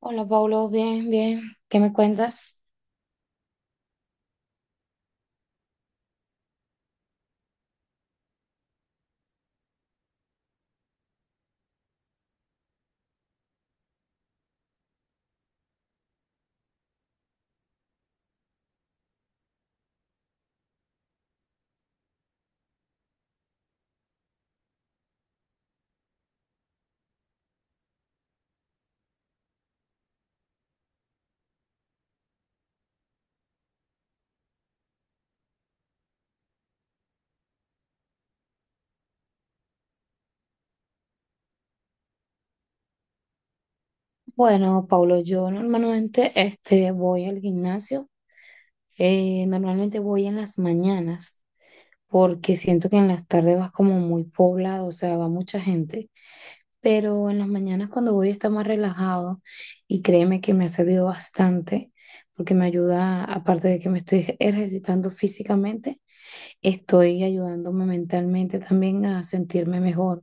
Hola, Paulo, bien, bien. ¿Qué me cuentas? Bueno, Paulo, yo normalmente este, voy al gimnasio. Normalmente voy en las mañanas porque siento que en las tardes vas como muy poblado, o sea, va mucha gente. Pero en las mañanas cuando voy está más relajado y créeme que me ha servido bastante porque me ayuda, aparte de que me estoy ejercitando físicamente, estoy ayudándome mentalmente también a sentirme mejor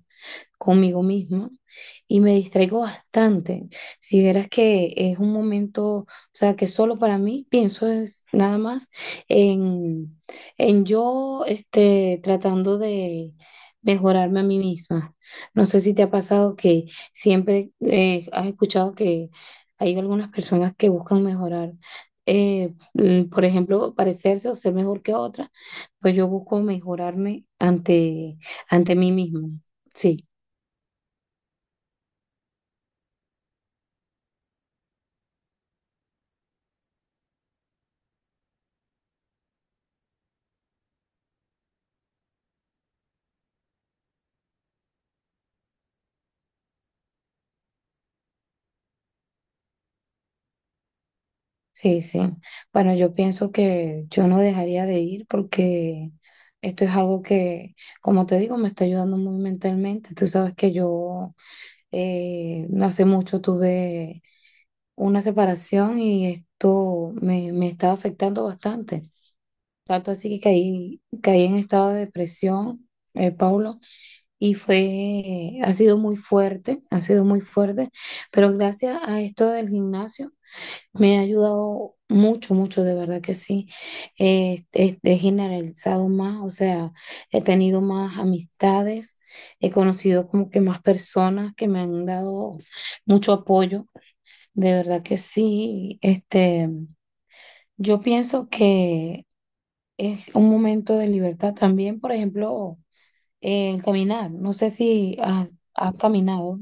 conmigo misma y me distraigo bastante. Si vieras que es un momento, o sea, que solo para mí pienso es nada más en, en yo este, tratando de mejorarme a mí misma. No sé si te ha pasado que siempre has escuchado que hay algunas personas que buscan mejorar. Por ejemplo, parecerse o ser mejor que otra, pues yo busco mejorarme ante, ante mí misma. Sí. Sí, sí. Bueno, yo pienso que yo no dejaría de ir porque esto es algo que, como te digo, me está ayudando muy mentalmente. Tú sabes que yo, no hace mucho tuve una separación y me está afectando bastante. Tanto así que caí en estado de depresión, Paulo, y ha sido muy fuerte, ha sido muy fuerte, pero gracias a esto del gimnasio. Me ha ayudado mucho, mucho, de verdad que sí. He generalizado más, o sea, he tenido más amistades, he conocido como que más personas que me han dado mucho apoyo, de verdad que sí. Este, yo pienso que es un momento de libertad también, por ejemplo, el caminar. No sé si has, ¿Has caminado?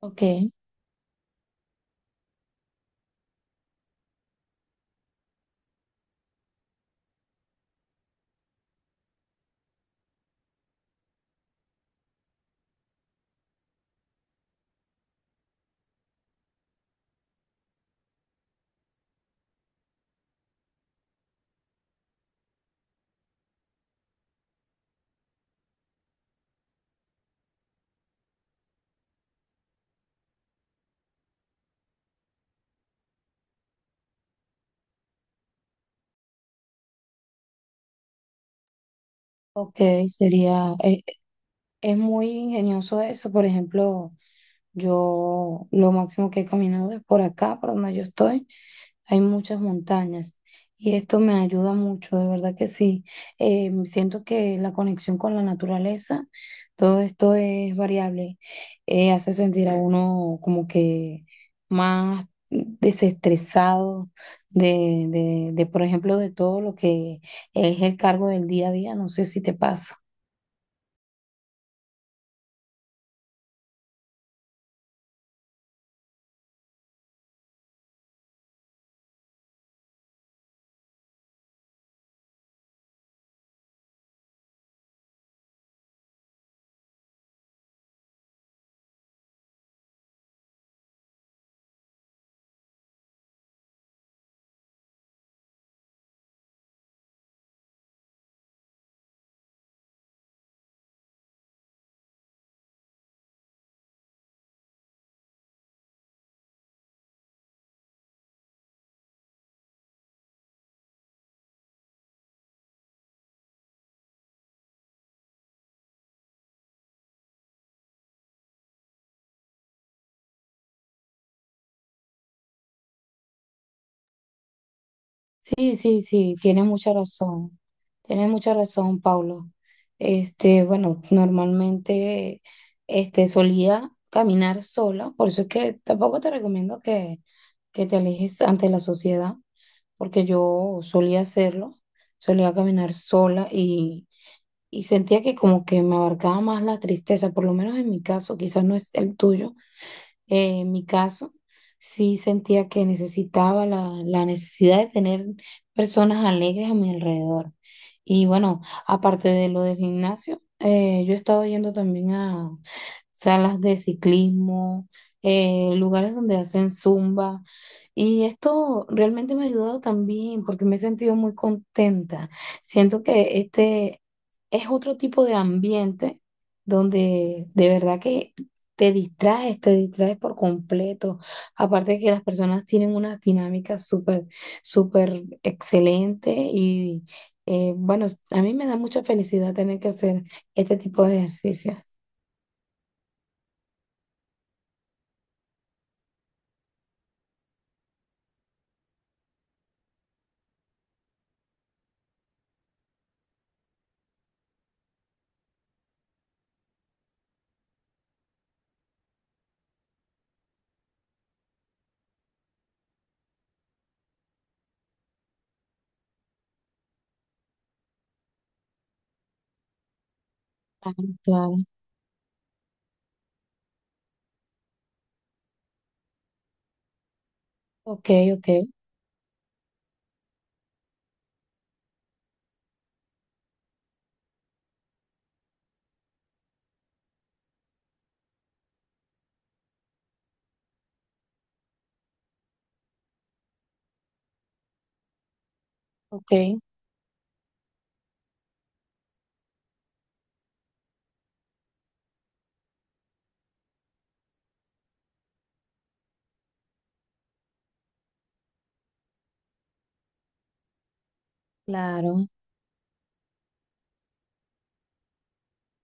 Ok, ok, sería, es es muy ingenioso eso, por ejemplo. Yo lo máximo que he caminado es por acá, por donde yo estoy. Hay muchas montañas y esto me ayuda mucho, de verdad que sí. Siento que la conexión con la naturaleza, todo esto es variable, hace sentir a uno como que más desestresado por ejemplo, de todo lo que es el cargo del día a día. No sé si te pasa. Sí, sí, sí, tiene mucha razón. Tiene mucha razón, Paulo. Este, bueno, normalmente este solía caminar sola, por eso es que tampoco te recomiendo que te alejes ante la sociedad, porque yo solía hacerlo, solía caminar sola y sentía que como que me abarcaba más la tristeza, por lo menos en mi caso, quizás no es el tuyo, en mi caso, sí sentía que necesitaba la necesidad de tener personas alegres a mi alrededor. Y bueno, aparte de lo del gimnasio, yo he estado yendo también a salas de ciclismo, lugares donde hacen zumba. Y esto realmente me ha ayudado también porque me he sentido muy contenta. Siento que este es otro tipo de ambiente donde de verdad que te distraes por completo. Aparte de que las personas tienen unas dinámicas súper, súper excelentes y bueno, a mí me da mucha felicidad tener que hacer este tipo de ejercicios. Claro, claro. Ok, ok, ok, claro,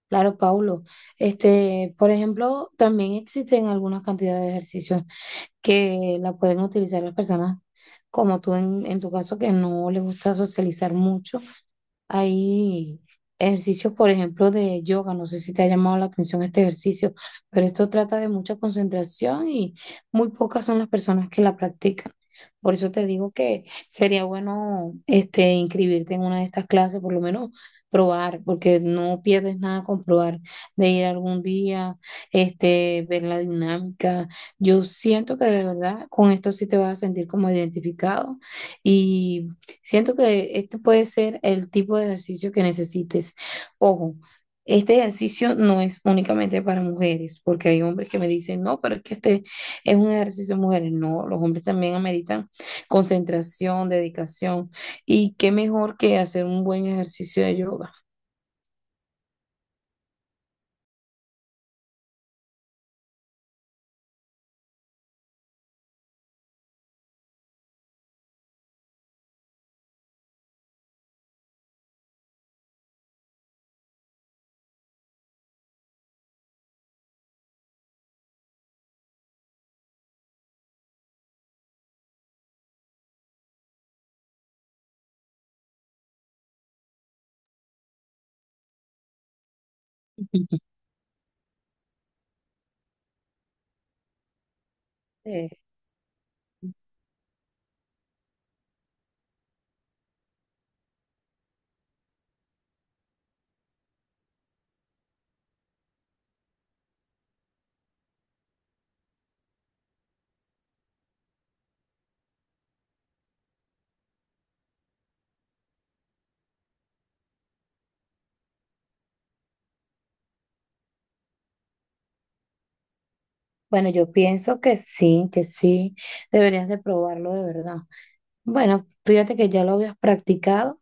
claro, Paulo. Este, por ejemplo, también existen algunas cantidades de ejercicios que la pueden utilizar las personas como tú en tu caso que no les gusta socializar mucho. Hay ejercicios, por ejemplo, de yoga. No sé si te ha llamado la atención este ejercicio, pero esto trata de mucha concentración y muy pocas son las personas que la practican. Por eso te digo que sería bueno este, inscribirte en una de estas clases, por lo menos probar, porque no pierdes nada con probar, de ir algún día, este, ver la dinámica. Yo siento que de verdad con esto sí te vas a sentir como identificado. Y siento que este puede ser el tipo de ejercicio que necesites. Ojo, este ejercicio no es únicamente para mujeres, porque hay hombres que me dicen, no, pero es que este es un ejercicio de mujeres. No, los hombres también ameritan concentración, dedicación, y qué mejor que hacer un buen ejercicio de yoga. Sí. Bueno, yo pienso que sí, deberías de probarlo de verdad. Bueno, fíjate que ya lo habías practicado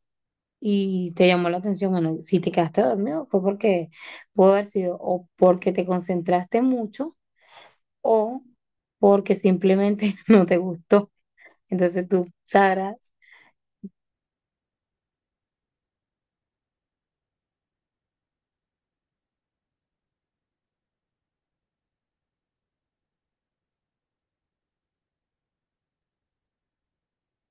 y te llamó la atención. Bueno, si te quedaste dormido fue porque pudo haber sido o porque te concentraste mucho o porque simplemente no te gustó. Entonces tú sabrás,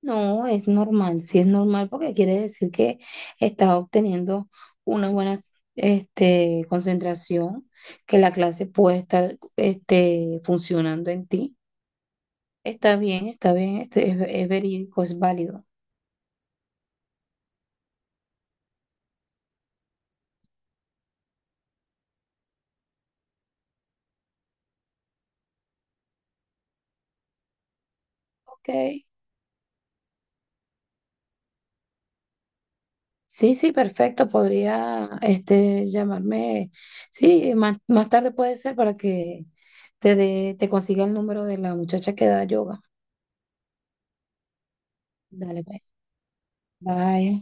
no, es normal, sí es normal porque quiere decir que estás obteniendo una buena este, concentración, que la clase puede estar este, funcionando en ti. Está bien, este, es verídico, es válido. Ok. Sí, sí, perfecto. Podría este, llamarme. Sí, más tarde puede ser para que te consiga el número de la muchacha que da yoga. Dale, pues. Bye.